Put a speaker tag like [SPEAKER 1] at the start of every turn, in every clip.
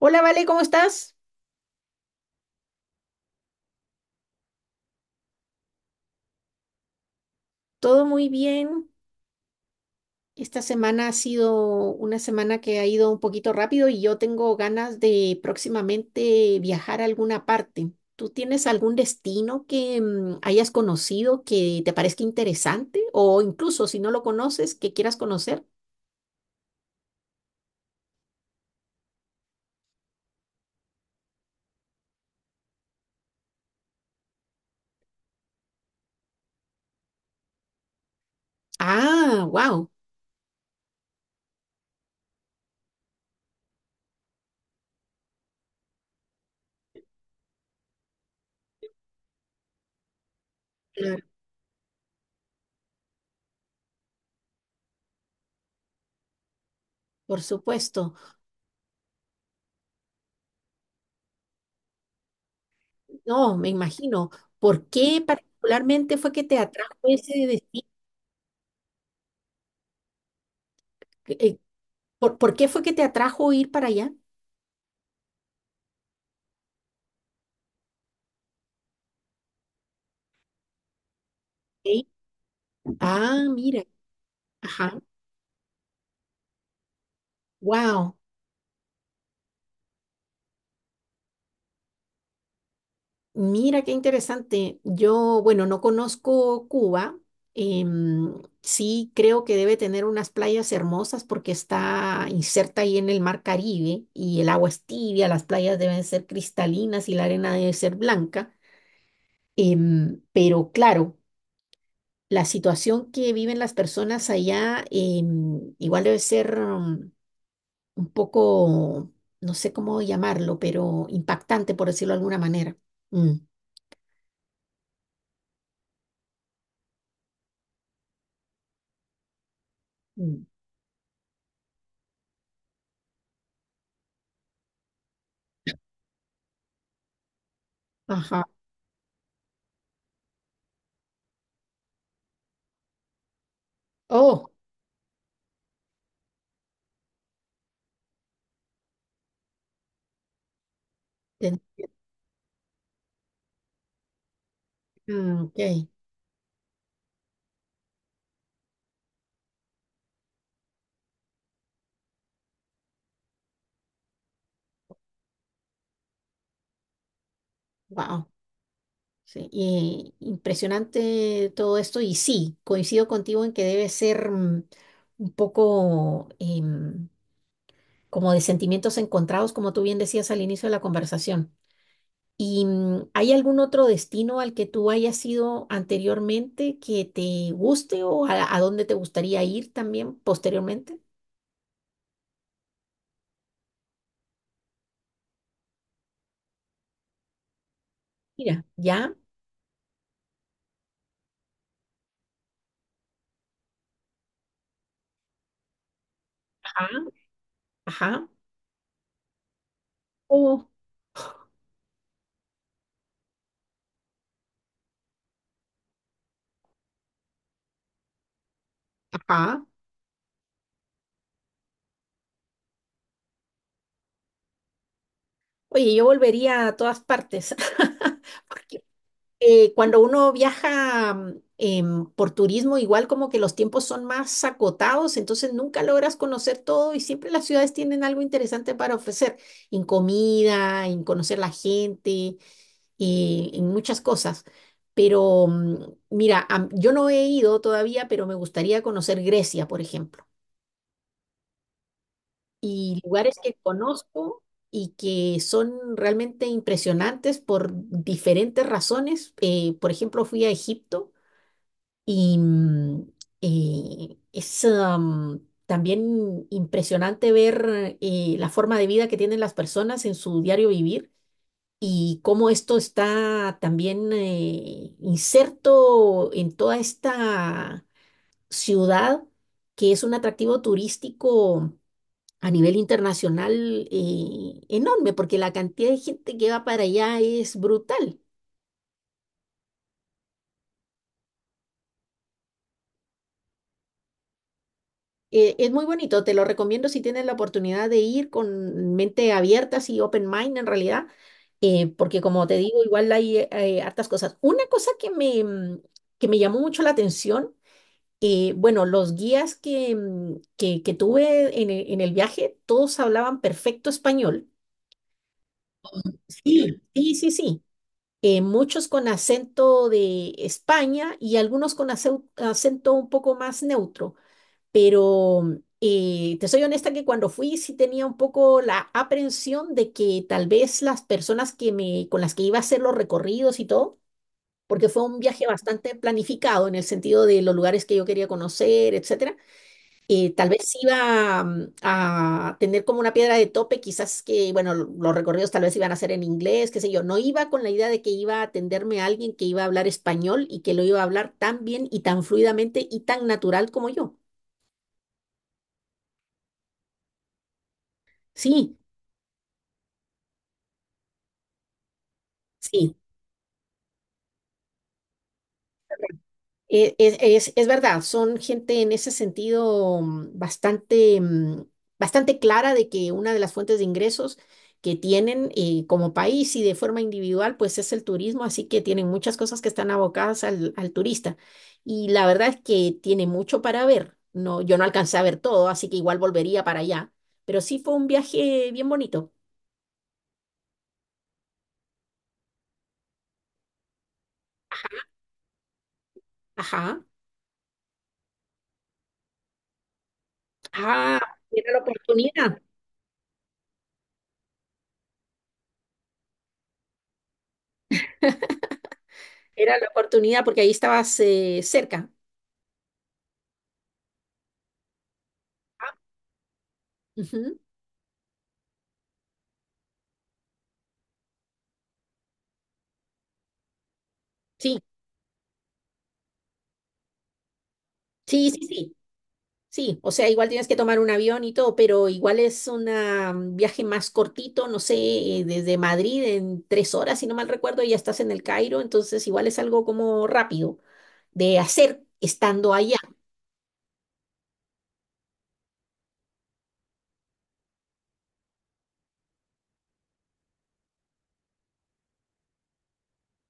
[SPEAKER 1] Hola, Vale, ¿cómo estás? Todo muy bien. Esta semana ha sido una semana que ha ido un poquito rápido y yo tengo ganas de próximamente viajar a alguna parte. ¿Tú tienes algún destino que hayas conocido que te parezca interesante o incluso si no lo conoces, que quieras conocer? Ah, wow. Claro, por supuesto. No, me imagino. ¿Por qué particularmente fue que te atrajo ese destino? Eh, ¿por qué fue que te atrajo ir para allá? Ah, mira, ajá, wow, mira qué interesante. Yo, bueno, no conozco Cuba. em, sí creo que debe tener unas playas hermosas porque está inserta ahí en el mar Caribe y el agua es tibia, las playas deben ser cristalinas y la arena debe ser blanca. Pero claro, la situación que viven las personas allá igual debe ser... mm, un poco, no sé cómo llamarlo, pero impactante, por decirlo de alguna manera. Mm, mm. Ajá. Oh, te entiendo. Ah, ok. Wow. Sí, y impresionante todo esto. Y sí, coincido contigo en que debe ser un poco como de sentimientos encontrados, como tú bien decías al inicio de la conversación. ¿Y hay algún otro destino al que tú hayas ido anteriormente que te guste o a dónde te gustaría ir también posteriormente? Mira, ya, ajá, ajá, oh, ajá. Oye, yo volvería a todas partes, porque cuando uno viaja por turismo, igual como que los tiempos son más acotados, entonces nunca logras conocer todo y siempre las ciudades tienen algo interesante para ofrecer, en comida, en conocer la gente, en muchas cosas. Pero mira, yo no he ido todavía, pero me gustaría conocer Grecia, por ejemplo, y lugares que conozco. Y que son realmente impresionantes por diferentes razones. Por ejemplo, fui a Egipto y es también impresionante ver la forma de vida que tienen las personas en su diario vivir y cómo esto está también inserto en toda esta ciudad que es un atractivo turístico a nivel internacional enorme, porque la cantidad de gente que va para allá es brutal. Es muy bonito, te lo recomiendo si tienes la oportunidad de ir con mente abierta, así open mind en realidad, porque como te digo, igual hay hartas cosas. Una cosa que me llamó mucho la atención, bueno, los guías que tuve en el viaje, todos hablaban perfecto español. Sí, sí, sí, sí. Muchos con acento de España y algunos con acento un poco más neutro. Pero te soy honesta que cuando fui sí tenía un poco la aprensión de que tal vez las con las que iba a hacer los recorridos y todo, porque fue un viaje bastante planificado en el sentido de los lugares que yo quería conocer, etcétera, tal vez iba a tener como una piedra de tope, quizás que, bueno, los recorridos tal vez iban a ser en inglés, qué sé yo. No iba con la idea de que iba a atenderme a alguien que iba a hablar español y que lo iba a hablar tan bien y tan fluidamente y tan natural como yo. Sí. Sí. Es verdad, son gente en ese sentido bastante clara de que una de las fuentes de ingresos que tienen como país y de forma individual, pues es el turismo, así que tienen muchas cosas que están abocadas al turista. Y la verdad es que tiene mucho para ver. No, yo no alcancé a ver todo, así que igual volvería para allá. Pero sí fue un viaje bien bonito. Ajá. Ah, era la oportunidad. Era la oportunidad porque ahí estabas cerca. Ujú. Sí, sí, sí, sí, sí. O sea, igual tienes que tomar un avión y todo, pero igual es un viaje más cortito, no sé, desde Madrid en 3 horas, si no mal recuerdo, ya estás en el Cairo, entonces igual es algo como rápido de hacer estando allá.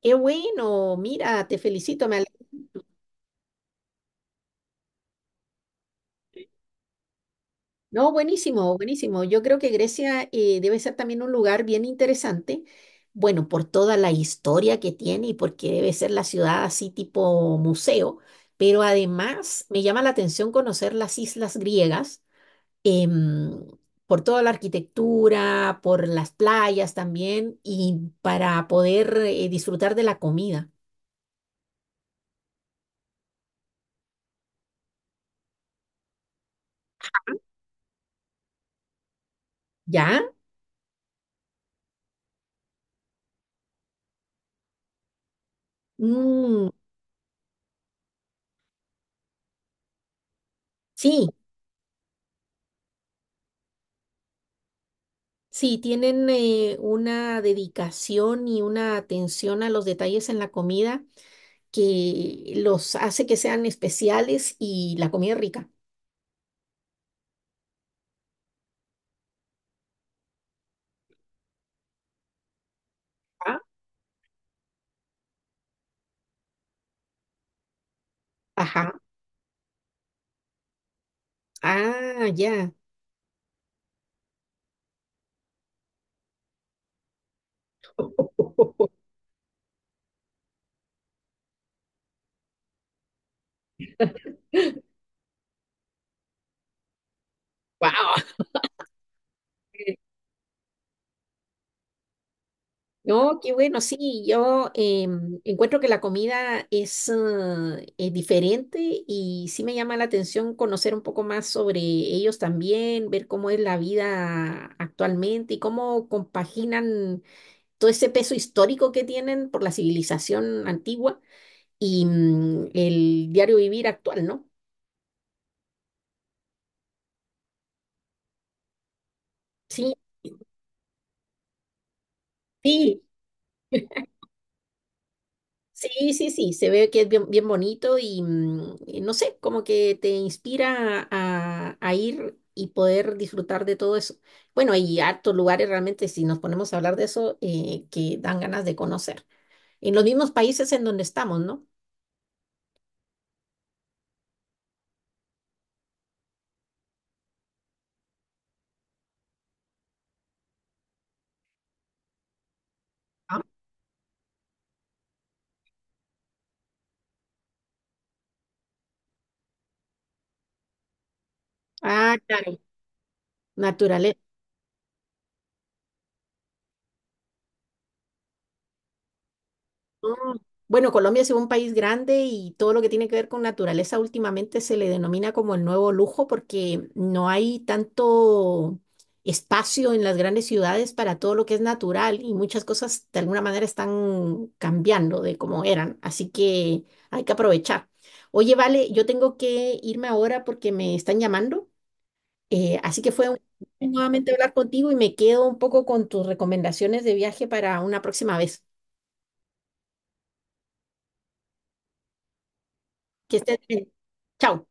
[SPEAKER 1] Qué bueno, mira, te felicito, me No, buenísimo, buenísimo. Yo creo que Grecia debe ser también un lugar bien interesante, bueno, por toda la historia que tiene y porque debe ser la ciudad así tipo museo, pero además me llama la atención conocer las islas griegas, em, por toda la arquitectura, por las playas también y para poder disfrutar de la comida. ¿Ya? Mm, sí. Sí, tienen una dedicación y una atención a los detalles en la comida que los hace que sean especiales y la comida es rica. Ah, ajá. Ah, ya. Wow. No, qué bueno, sí, yo encuentro que la comida es diferente y sí me llama la atención conocer un poco más sobre ellos también, ver cómo es la vida actualmente y cómo compaginan todo ese peso histórico que tienen por la civilización antigua y el diario vivir actual, ¿no? Sí, sí, sí, sí, sí, se ve que es bien, bien bonito y, y no sé, como que te inspira a ir y poder disfrutar de todo eso. Bueno, hay hartos lugares realmente, si nos ponemos a hablar de eso, que dan ganas de conocer. En los mismos países en donde estamos, ¿no? Ah, ah, claro. Naturaleza. No, bueno, Colombia es un país grande y todo lo que tiene que ver con naturaleza últimamente se le denomina como el nuevo lujo porque no hay tanto espacio en las grandes ciudades para todo lo que es natural y muchas cosas de alguna manera están cambiando de como eran, así que hay que aprovechar. Oye, vale, yo tengo que irme ahora porque me están llamando, así que fue un nuevamente hablar contigo y me quedo un poco con tus recomendaciones de viaje para una próxima vez. Que estés bien. Chao.